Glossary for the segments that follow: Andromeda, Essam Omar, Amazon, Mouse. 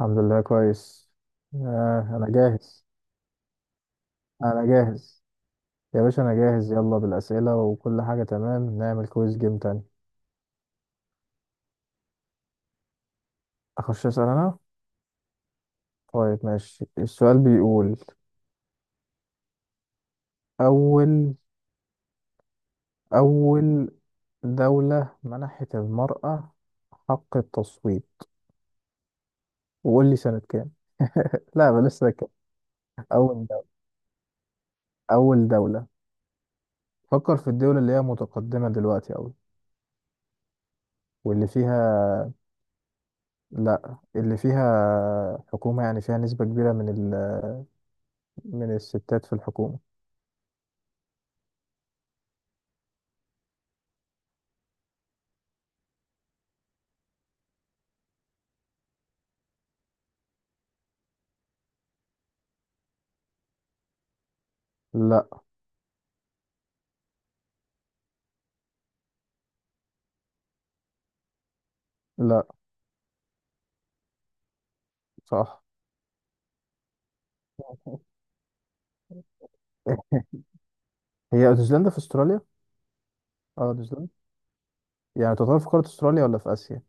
الحمد لله كويس. أنا جاهز. أنا جاهز يا باشا، أنا جاهز. يلا بالأسئلة وكل حاجة تمام، نعمل كويس جيم تاني. أخش أسأل أنا. طيب ماشي، السؤال بيقول: أول أول دولة منحت المرأة حق التصويت، وقول لي سنة كام. لا، بلاش سنة كام. أول دولة أول دولة. فكر في الدول اللي هي متقدمة دلوقتي أوي، واللي فيها. لا، اللي فيها حكومة، يعني فيها نسبة كبيرة من الستات في الحكومة. لا. لا. صح، هي نيوزيلندا في استراليا. اه نيوزيلندا، يعني تعتبر في قارة استراليا ولا في آسيا؟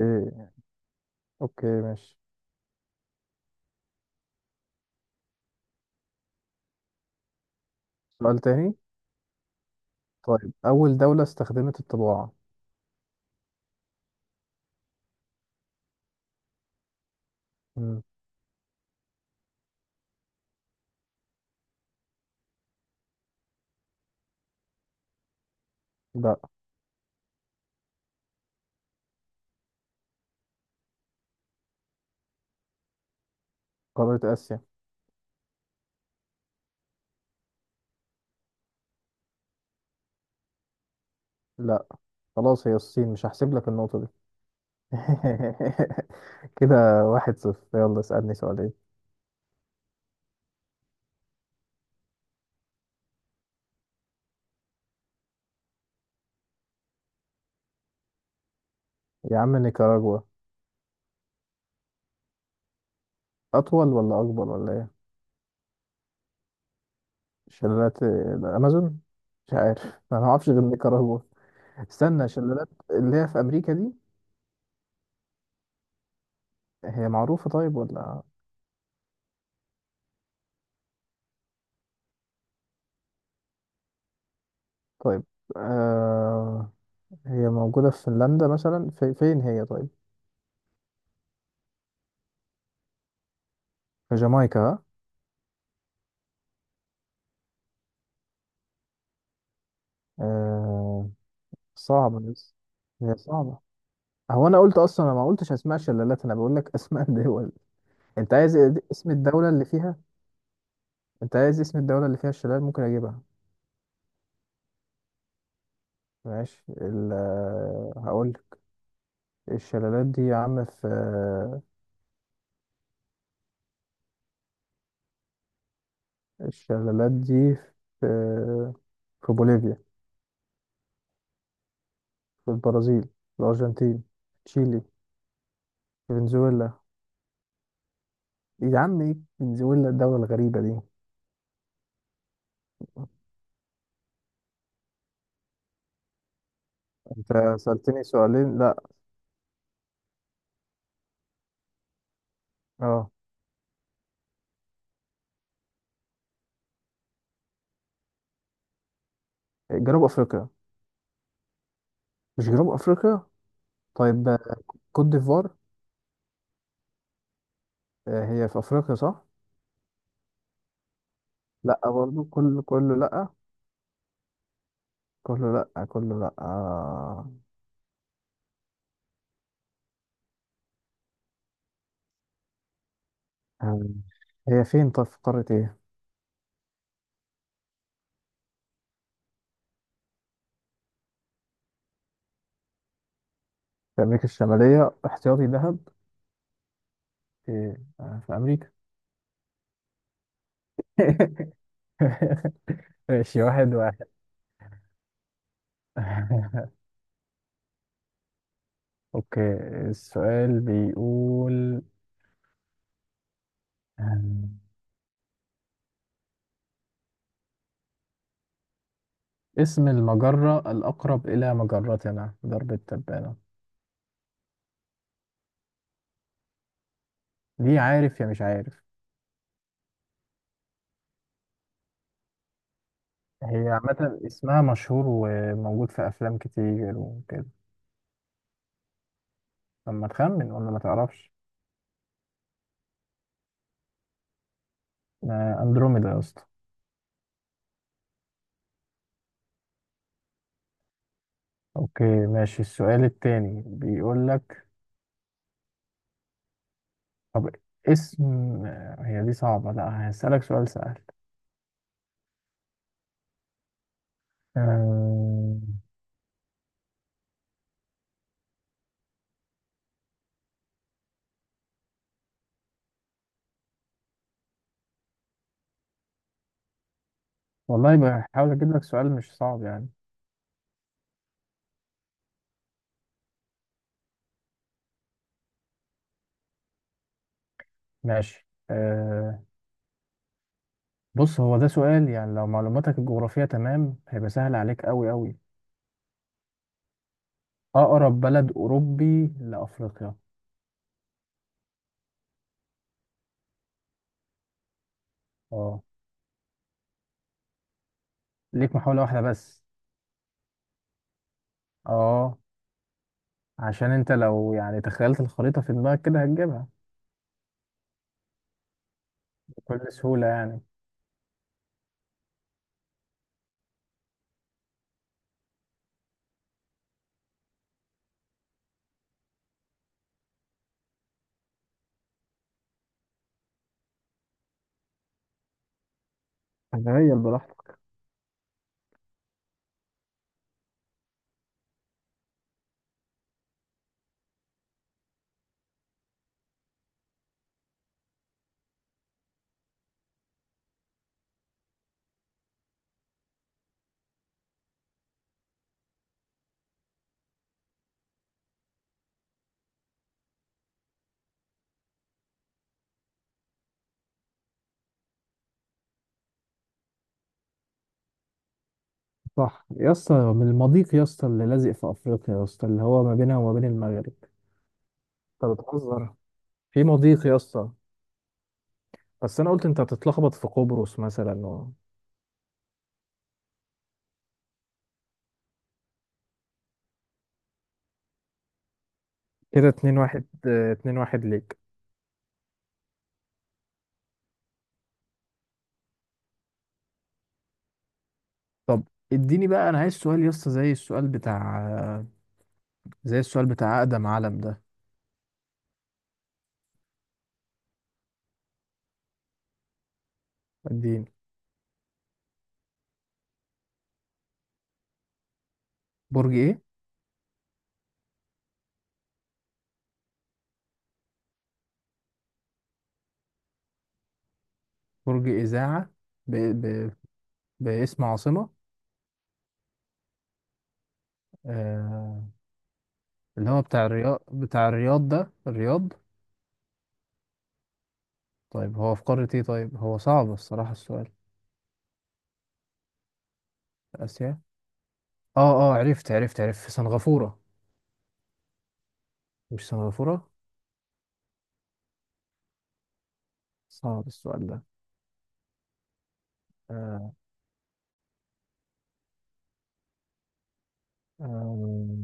إيه. اوكي ماشي. سؤال تاني. طيب، أول دولة استخدمت الطباعة. مم. لا. قارة آسيا. لا خلاص، هي الصين، مش هحسب لك النقطة دي. كده واحد صفر. يلا اسألني سؤالين. يا عم نيكاراجوا. أطول ولا أكبر ولا إيه؟ شلالات الأمازون. مش عارف، أنا معرفش غير نيكاراجوا. استنى، شلالات اللي هي في أمريكا دي، هي معروفة طيب ولا؟ طيب آه هي موجودة في فنلندا مثلا، في فين هي طيب؟ في جامايكا ها؟ آه. صعبة بس. هي صعبة. هو أنا قلت أصلا أنا ما قلتش أسماء شلالات، أنا بقول لك أسماء دول. أنت عايز إيه؟ اسم الدولة اللي فيها؟ أنت عايز اسم الدولة اللي فيها الشلال؟ ممكن أجيبها. ماشي، ال آه، هقول لك. الشلالات دي يا عم في، الشلالات دي في آه، في بوليفيا. في البرازيل، الأرجنتين، تشيلي، فنزويلا. يا عم ايه فنزويلا الدولة الغريبة دي؟ انت سألتني سؤالين لا. اه. جنوب افريقيا. مش جنوب افريقيا. طيب، كوت ديفوار. هي في افريقيا صح. لا برضو، كله لا. آه. آه، هي فين طيب، في قارة ايه؟ في امريكا الشمالية احتياطي ذهب؟ في في امريكا. ماشي واحد واحد. اوكي، السؤال بيقول، آم، اسم المجرة الأقرب إلى مجرتنا درب التبانة. دي عارف يا مش عارف؟ هي عامة اسمها مشهور وموجود في أفلام كتير وكده. لما تخمن ولا ما تعرفش. أندروميدا يا اسطى. أوكي ماشي، السؤال التاني بيقول لك، طب اسم هي دي صعبة، لا هسألك سؤال سهل. آم، والله بحاول أجيب لك سؤال مش صعب يعني. ماشي، بص، هو ده سؤال يعني لو معلوماتك الجغرافية تمام هيبقى سهل عليك أوي أوي. أقرب بلد أوروبي لأفريقيا. اه. ليك محاولة واحدة بس. اه، عشان انت لو يعني تخيلت الخريطة في دماغك كده هتجيبها بكل سهولة يعني. تخيل براحتك. صح يا اسطى، من المضيق يا اسطى اللي لازق في أفريقيا، يا اسطى اللي هو ما بينها وما بين المغرب. انت بتهزر؟ في مضيق يا اسطى، بس انا قلت انت هتتلخبط في قبرص مثلا كده اتنين واحد. اه، اتنين واحد ليك. طب اديني بقى، انا عايز سؤال يا اسطى زي السؤال بتاع، زي السؤال بتاع اقدم علم ده. اديني. برج ايه؟ برج اذاعه. ب... ب... باسم عاصمه. آه... اللي هو بتاع الرياض، بتاع الرياض ده الرياض. طيب هو في قاره ايه؟ طيب هو صعب الصراحه السؤال. اسيا. اه اه، عرفت في سنغافوره. مش سنغافوره. صعب السؤال ده. آه... آه...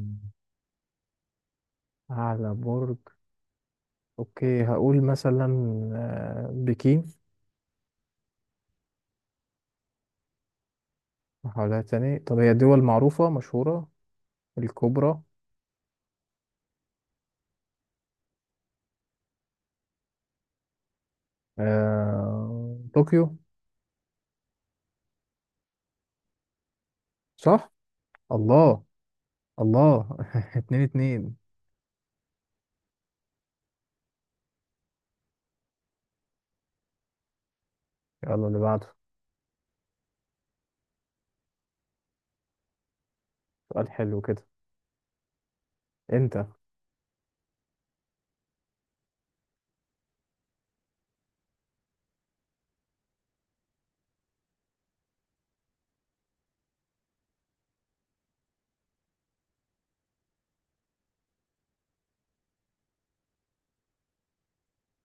اعلى برج. اوكي هقول مثلا بكين. محاولات تاني؟ طب هي دول معروفة مشهورة الكبرى. طوكيو. صح؟ الله. الله. اتنين اتنين. يلا اللي بعده، سؤال حلو كده. انت.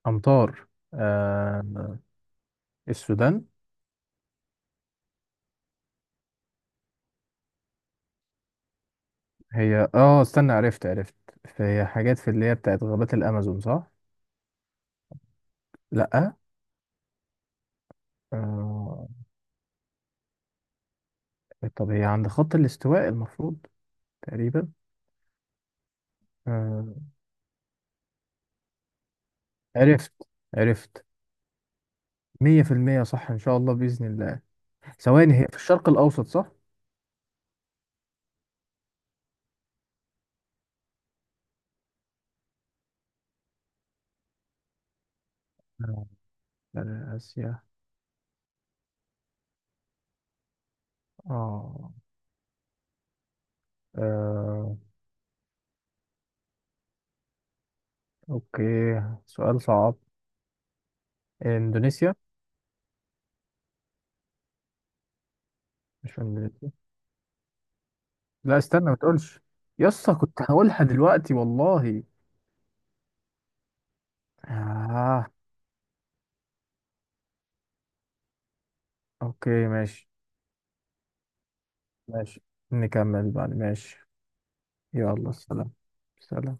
أمطار آه... السودان. هي اه استنى، عرفت. هي حاجات في اللي هي بتاعت غابات الأمازون صح؟ لأ. آه... طب هي عند خط الاستواء المفروض تقريبا. آه... عرفت عرفت. 100% صح إن شاء الله بإذن الله. ثواني، هي في الشرق الأوسط صح؟ آه، شرق آسيا. آه. آه. أوكي، سؤال صعب. إندونيسيا؟ مش في إندونيسيا؟ لا استنى ما تقولش، يسا كنت هقولها دلوقتي والله. آه، أوكي ماشي. ماشي، نكمل بعد، ماشي. يلا سلام. سلام.